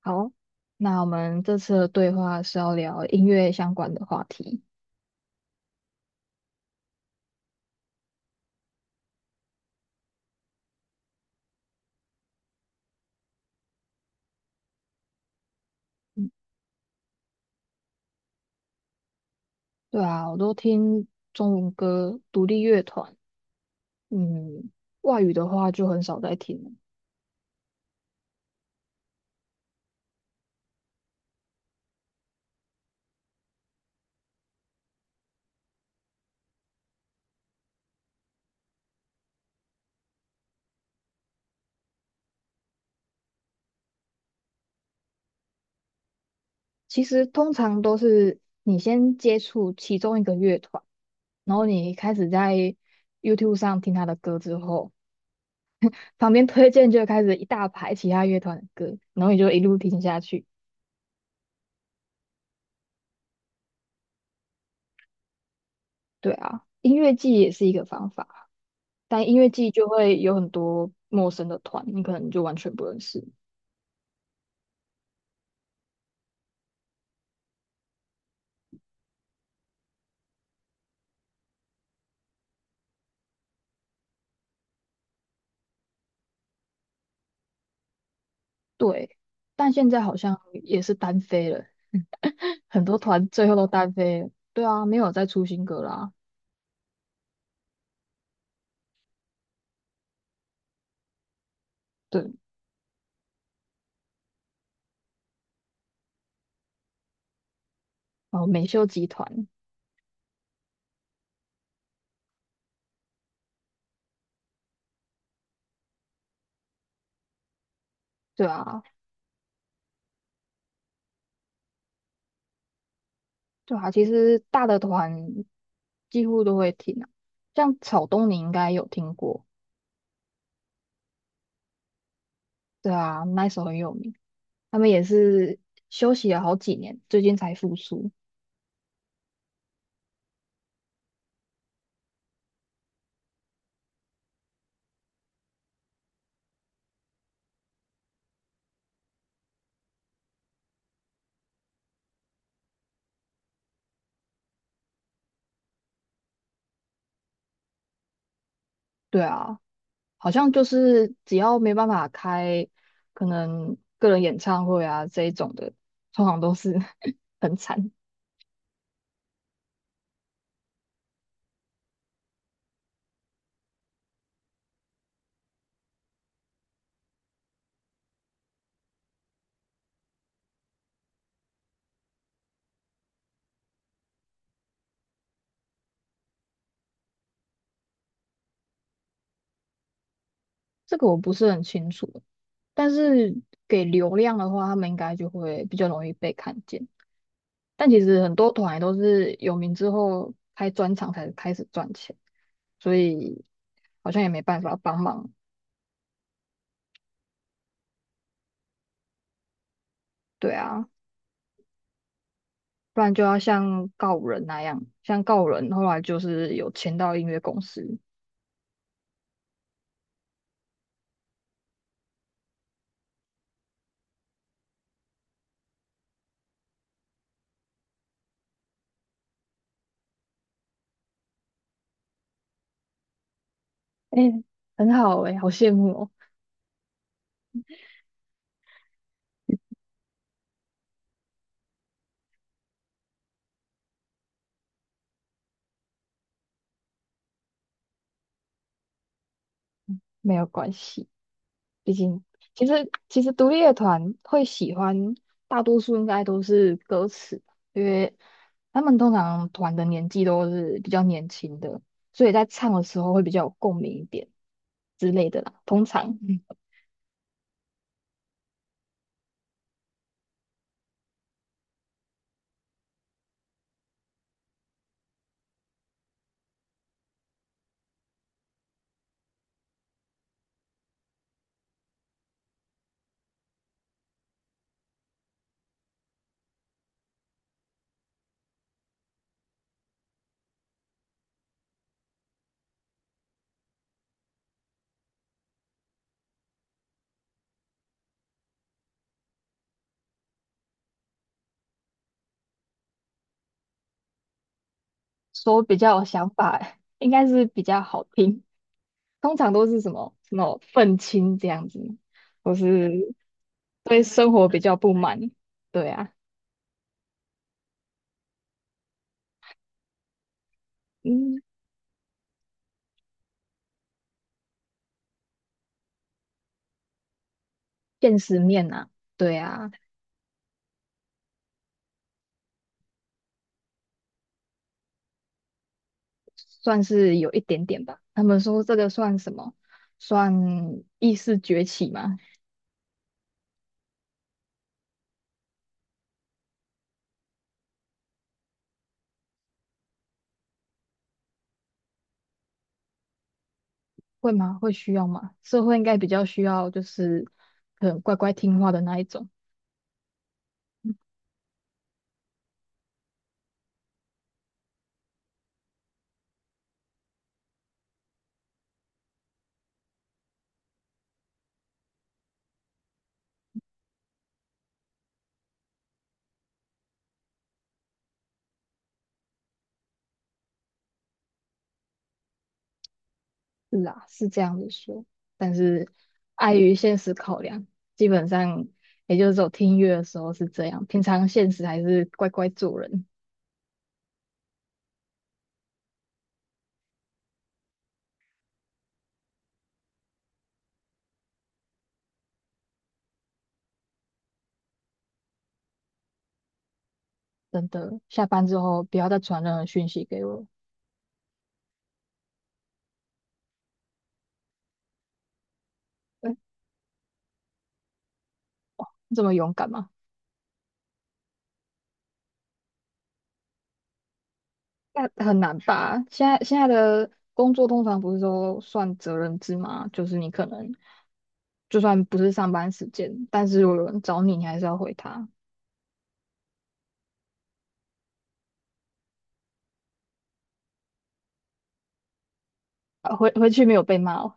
好，那我们这次的对话是要聊音乐相关的话题。嗯，对啊，我都听中文歌、独立乐团，嗯，外语的话就很少在听了。其实通常都是你先接触其中一个乐团，然后你开始在 YouTube 上听他的歌之后，旁边推荐就开始一大排其他乐团的歌，然后你就一路听下去。对啊，音乐季也是一个方法。但音乐季就会有很多陌生的团，你可能就完全不认识。对，但现在好像也是单飞了，很多团最后都单飞了。对啊，没有再出新歌啦。对，哦，美秀集团，对啊，对啊，其实大的团几乎都会听啊，像草东你应该有听过，对啊，那一首很有名，他们也是休息了好几年，最近才复苏。对啊。好像就是只要没办法开可能个人演唱会啊这一种的，通常都是 很惨。这个我不是很清楚，但是给流量的话，他们应该就会比较容易被看见。但其实很多团也都是有名之后开专场才开始赚钱，所以好像也没办法帮忙。对啊，不然就要像告人那样，像告人后来就是有签到音乐公司，哎、很好哎、好羡慕哦。没有关系，毕竟其实独立乐团会喜欢，大多数应该都是歌词，因为他们通常团的年纪都是比较年轻的，所以在唱的时候会比较有共鸣一点之类的啦。通常说比较有想法，应该是比较好听。通常都是什么什么愤青这样子，或是对生活比较不满，对啊，嗯，现实面啊，对啊。算是有一点点吧。他们说这个算什么？算意识崛起吗？会吗？会需要吗？社会应该比较需要，就是可能乖乖听话的那一种。是啊，是这样子说，但是碍于现实考量，基本上也就是走听音乐的时候是这样，平常现实还是乖乖做人。真的，下班之后不要再传任何讯息给我。嗯，这么勇敢吗？那很难吧？现在的工作通常不是都算责任制吗？就是你可能就算不是上班时间，但是如果有人找你，你还是要回他。啊，回去没有被骂哦，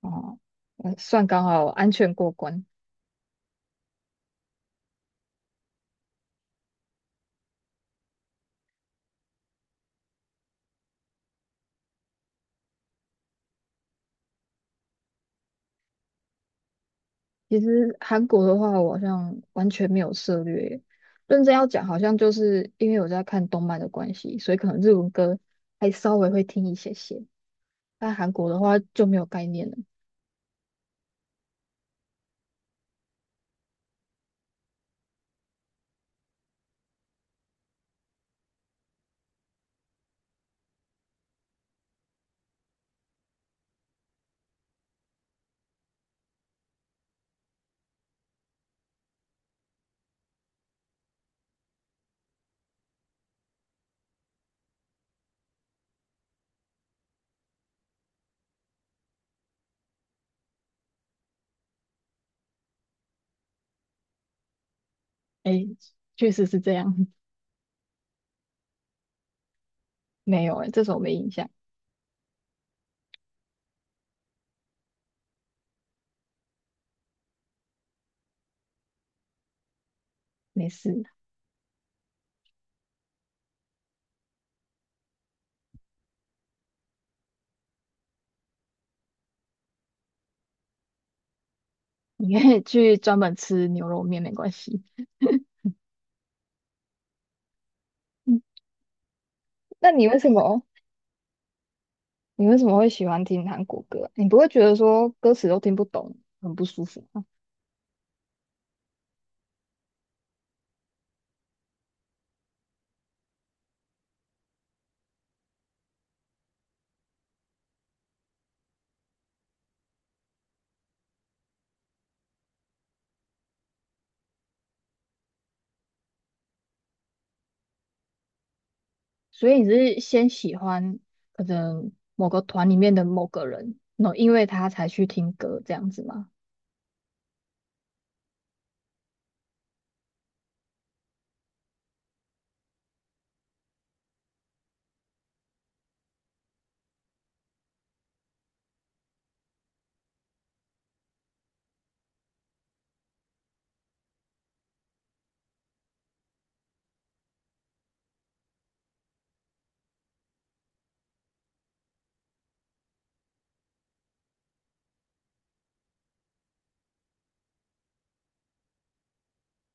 哦，算刚好安全过关。其实韩国的话，我好像完全没有涉略耶。认真要讲，好像就是因为我在看动漫的关系，所以可能日文歌还稍微会听一些些。但韩国的话就没有概念了。诶，确实是这样。没有诶，这首没印象，没事，你可以去专门吃牛肉面，没关系。嗯，那你为什么会喜欢听韩国歌啊？你不会觉得说歌词都听不懂，很不舒服吗？所以你是先喜欢可能某个团里面的某个人，然后因为他才去听歌这样子吗？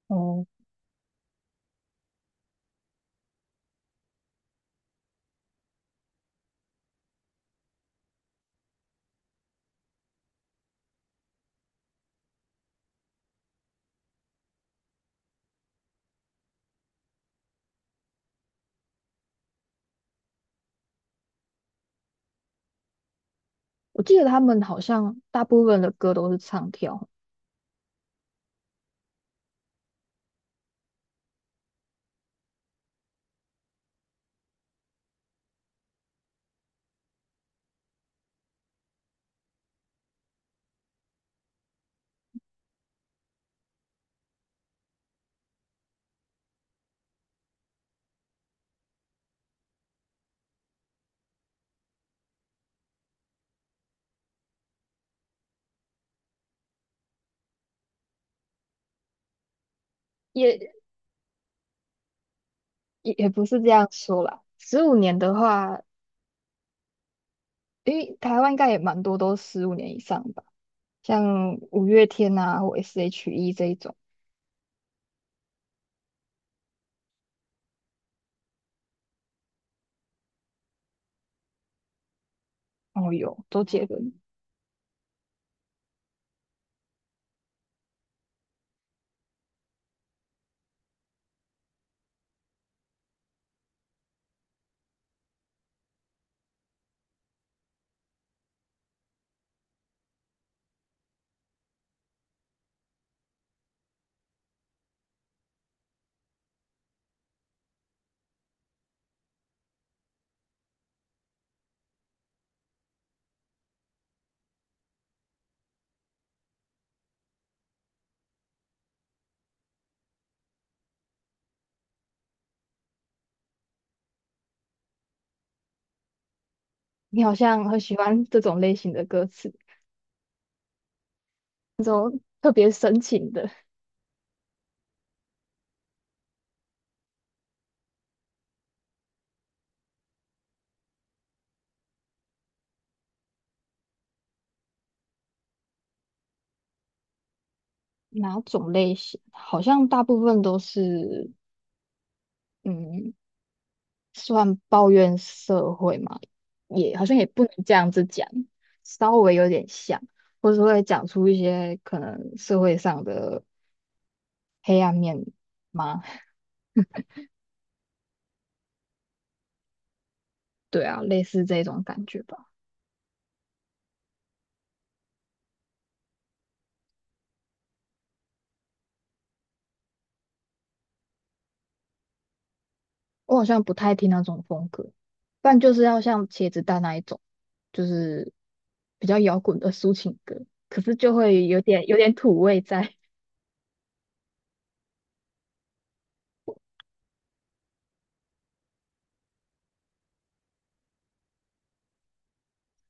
哦，我记得他们好像大部分的歌都是唱跳。也也不是这样说啦，十五年的话，因为台湾应该也蛮多都十五年以上吧。像五月天啊或 S.H.E 这一种。哦哟，周杰伦，你好像很喜欢这种类型的歌词，特别深情的。哪种类型？好像大部分都是，嗯，算抱怨社会嘛，也好像也不能这样子讲，稍微有点像，或是会讲出一些可能社会上的嘛，对啊，类似这种感觉吧。我好像不太听那种风格，不然就是要像茄子蛋那一种，就是比较摇滚的抒情歌，可是就会有点土味在。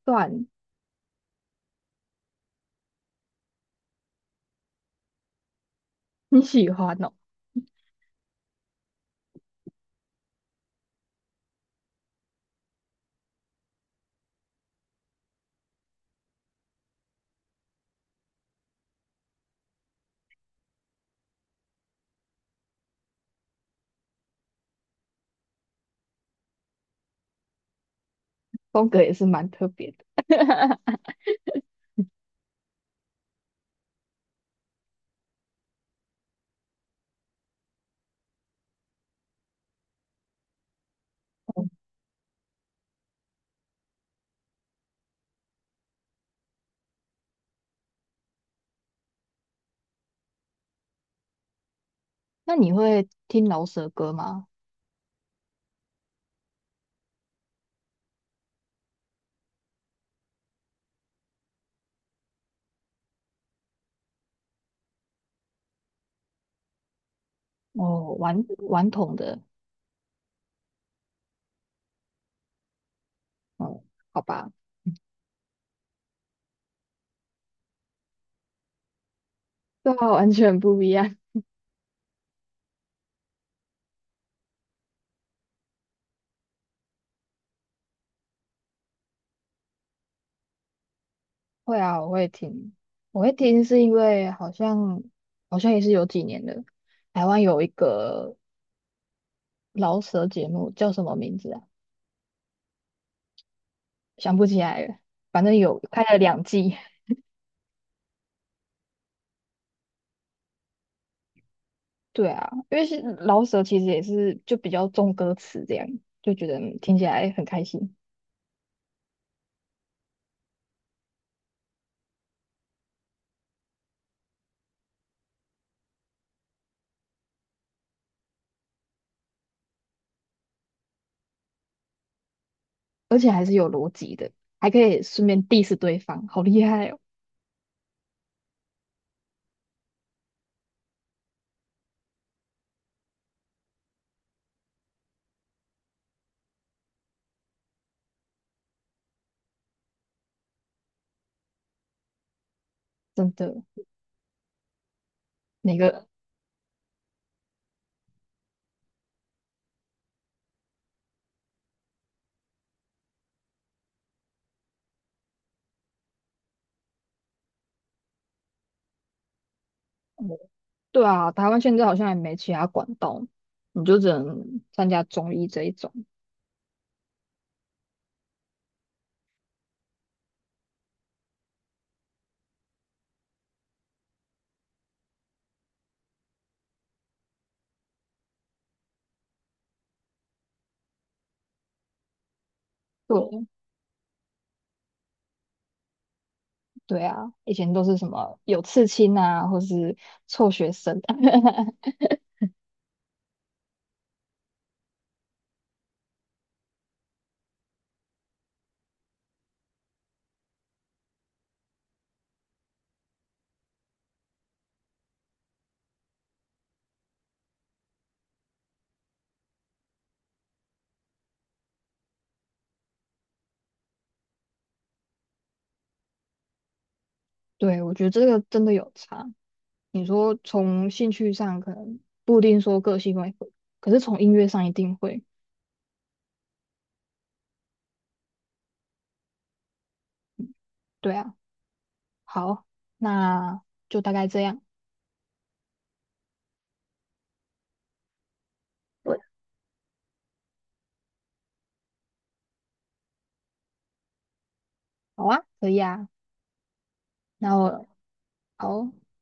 算你喜欢哦，风格也是蛮特别的。那你会听饶舌歌吗？哦，顽童的，哦，好吧，对啊，完全不一样。会啊，我会听，是因为好像也是有几年了，台湾有一个饶舌节目叫什么名字啊？想不起来了，反正有拍了两季。对啊，因为是老舍其实也是就比较重歌词这样，就觉得听起来很开心，还是有逻辑的，还可以顺便 diss 对方，好厉害哦！真的，哪个？嗯，对啊，台湾现在好像也没其他管道，你就只能参加综艺这一种。对，对啊，以前都是什么有刺青啊，或是辍学生。对，我觉得这个真的有差。你说从兴趣上可能不一定说个性会合可是从音乐上一定会。对啊，好，那就大概这样。对，好啊，可以啊。那我好哦，